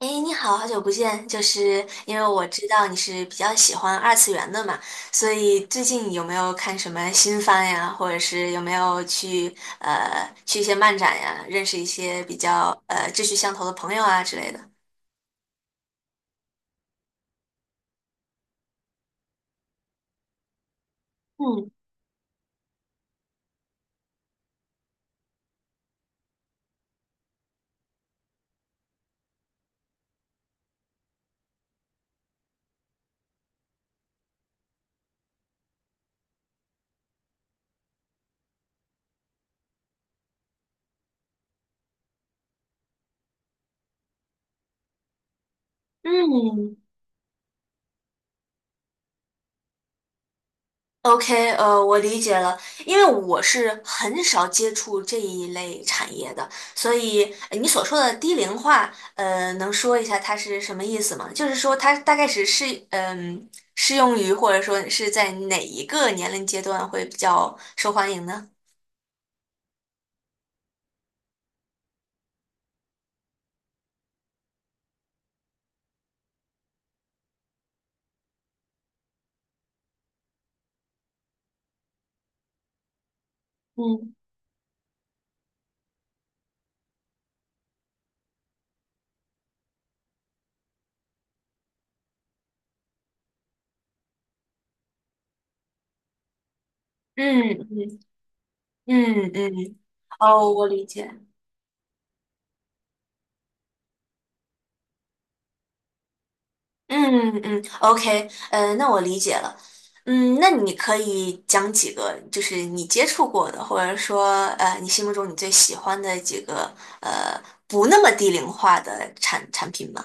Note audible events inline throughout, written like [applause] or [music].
哎，诶你好，好久不见！就是因为我知道你是比较喜欢二次元的嘛，所以最近有没有看什么新番呀，或者是有没有去去一些漫展呀，认识一些比较志趣相投的朋友啊之类的？嗯嗯，OK，我理解了，因为我是很少接触这一类产业的，所以你所说的低龄化，呃，能说一下它是什么意思吗？就是说它大概是嗯，适用于或者说是在哪一个年龄阶段会比较受欢迎呢？嗯。嗯嗯嗯嗯，哦，我理解。嗯嗯，OK，那我理解了。嗯，那你可以讲几个，就是你接触过的，或者说，呃，你心目中你最喜欢的几个，呃，不那么低龄化的产品吗？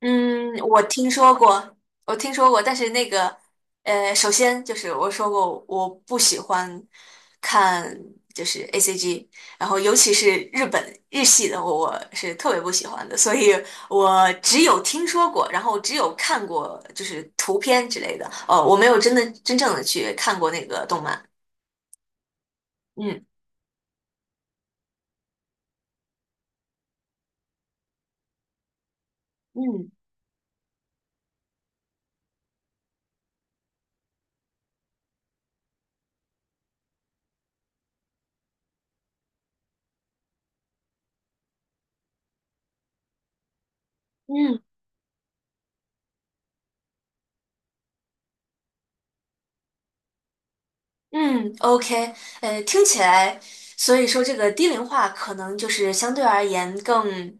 嗯，我听说过。我听说过，但是那个，呃，首先就是我说过，我不喜欢看就是 A C G，然后尤其是日本日系的，我是特别不喜欢的，所以我只有听说过，然后只有看过就是图片之类的。哦，我没有真的真正的去看过那个动漫。嗯嗯嗯嗯，OK，呃，听起来，所以说这个低龄化可能就是相对而言更。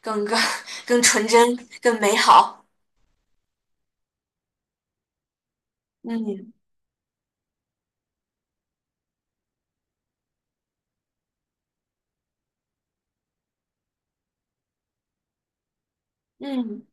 更更更纯真、更美好。嗯嗯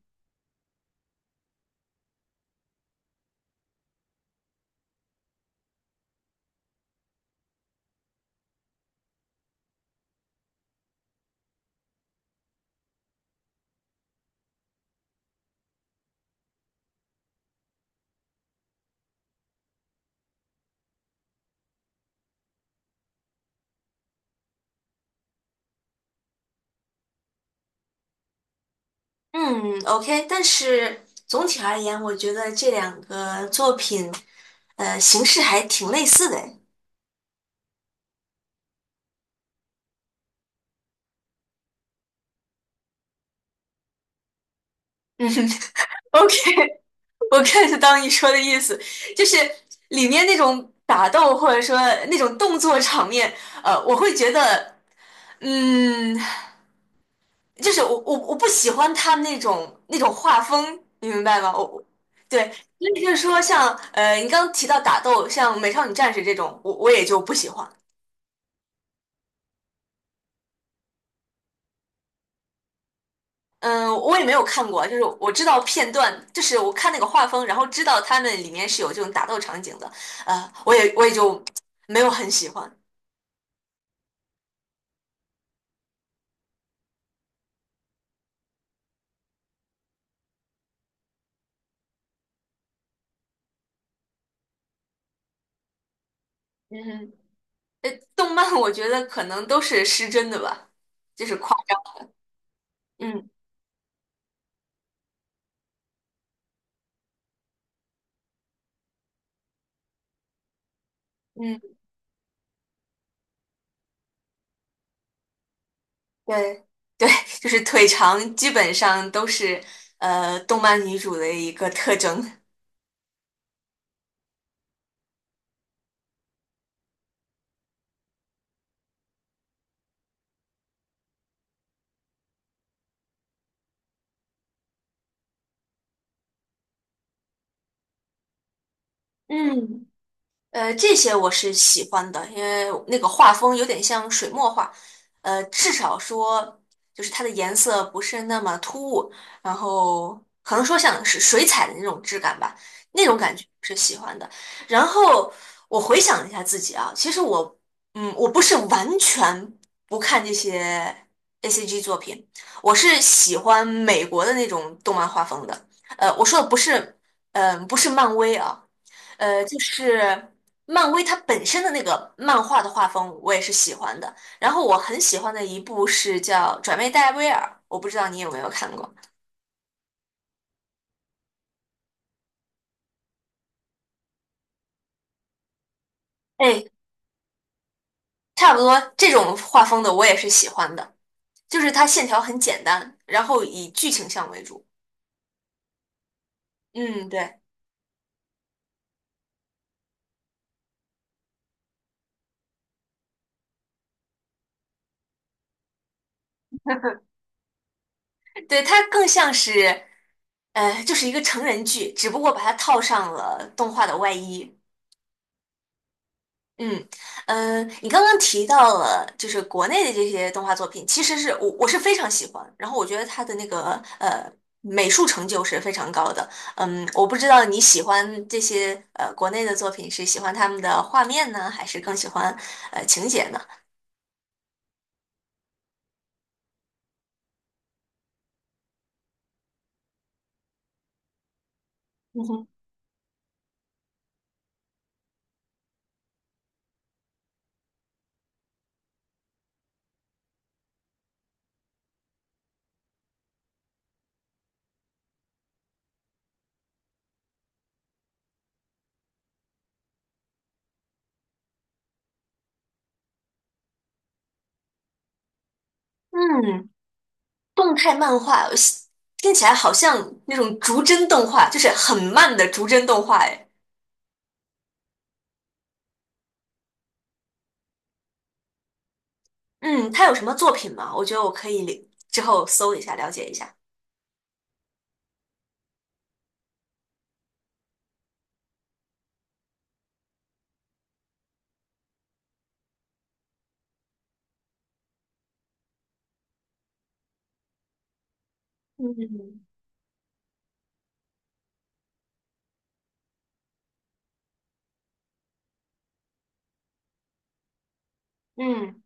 嗯，OK。但是总体而言，我觉得这两个作品，呃，形式还挺类似的 [laughs] 诶。嗯 [laughs]，OK，我 get 到你说的意思，就是里面那种打斗或者说那种动作场面，呃，我会觉得，嗯。就是我不喜欢他那种画风，你明白吗？对，所以就是说像你刚刚提到打斗，像《美少女战士》这种，我也就不喜欢。嗯，我也没有看过，就是我知道片段，就是我看那个画风，然后知道他们里面是有这种打斗场景的，呃，我也就没有很喜欢。嗯，呃，动漫我觉得可能都是失真的吧，就是夸。嗯嗯。对，对，就是腿长，基本上都是动漫女主的一个特征。嗯，呃，这些我是喜欢的，因为那个画风有点像水墨画，呃，至少说就是它的颜色不是那么突兀，然后可能说像是水彩的那种质感吧，那种感觉是喜欢的。然后我回想了一下自己啊，其实我，嗯，我不是完全不看这些 ACG 作品，我是喜欢美国的那种动漫画风的。呃，我说的不是，嗯、不是漫威啊。呃，就是漫威它本身的那个漫画的画风我也是喜欢的，然后我很喜欢的一部是叫《转妹戴维尔》，我不知道你有没有看过？哎，差不多这种画风的我也是喜欢的，就是它线条很简单，然后以剧情向为主。嗯，对。对，它更像是，呃，就是一个成人剧，只不过把它套上了动画的外衣。嗯嗯，呃你刚刚提到了就是国内的这些动画作品，其实是我是非常喜欢，然后我觉得它的那个呃美术成就是非常高的。嗯，我不知道你喜欢这些国内的作品是喜欢他们的画面呢，还是更喜欢情节呢？嗯哼。嗯，动态漫画我喜听起来好像那种逐帧动画，就是很慢的逐帧动画。哎，嗯，他有什么作品吗？我觉得我可以之后搜一下了解一下。嗯。嗯。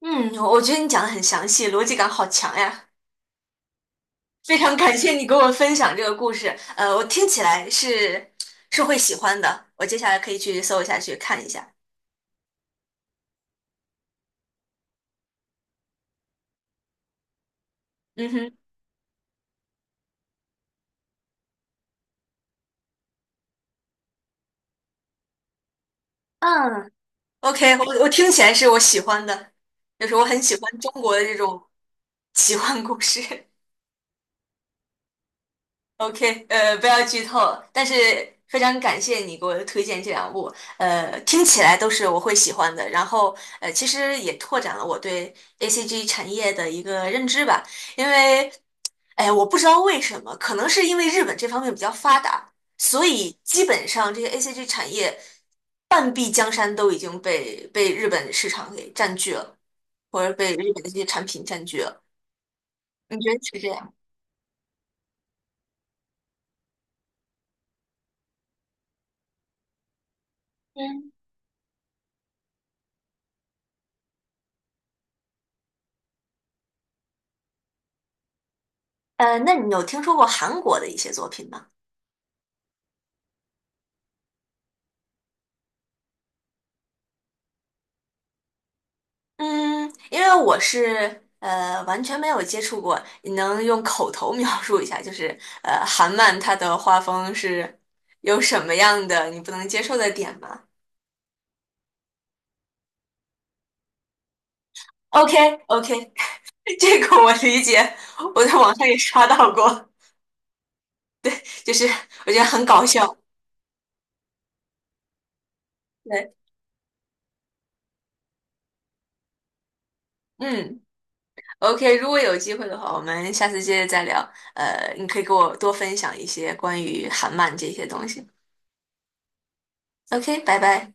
嗯，我觉得你讲的很详细，逻辑感好强呀！非常感谢你给我分享这个故事，呃，我听起来是是会喜欢的，我接下来可以去搜一下去看一下。嗯哼。嗯，OK，我听起来是我喜欢的，就是我很喜欢中国的这种奇幻故事。OK，呃，不要剧透，但是非常感谢你给我推荐这两部，呃，听起来都是我会喜欢的。然后，呃，其实也拓展了我对 ACG 产业的一个认知吧，因为，哎，我不知道为什么，可能是因为日本这方面比较发达，所以基本上这些 ACG 产业半壁江山都已经被日本市场给占据了，或者被日本的这些产品占据了。你觉得是这样？嗯。呃，那你有听说过韩国的一些作品吗？嗯，因为我是呃完全没有接触过，你能用口头描述一下，就是呃韩漫它的画风是有什么样的你不能接受的点吗？OK。 OK，[laughs] 这个我理解，我在网上也刷到过，就是我觉得很搞笑。对。嗯，OK，如果有机会的话，我们下次接着再聊。呃，你可以给我多分享一些关于韩漫这些东西。OK，拜拜。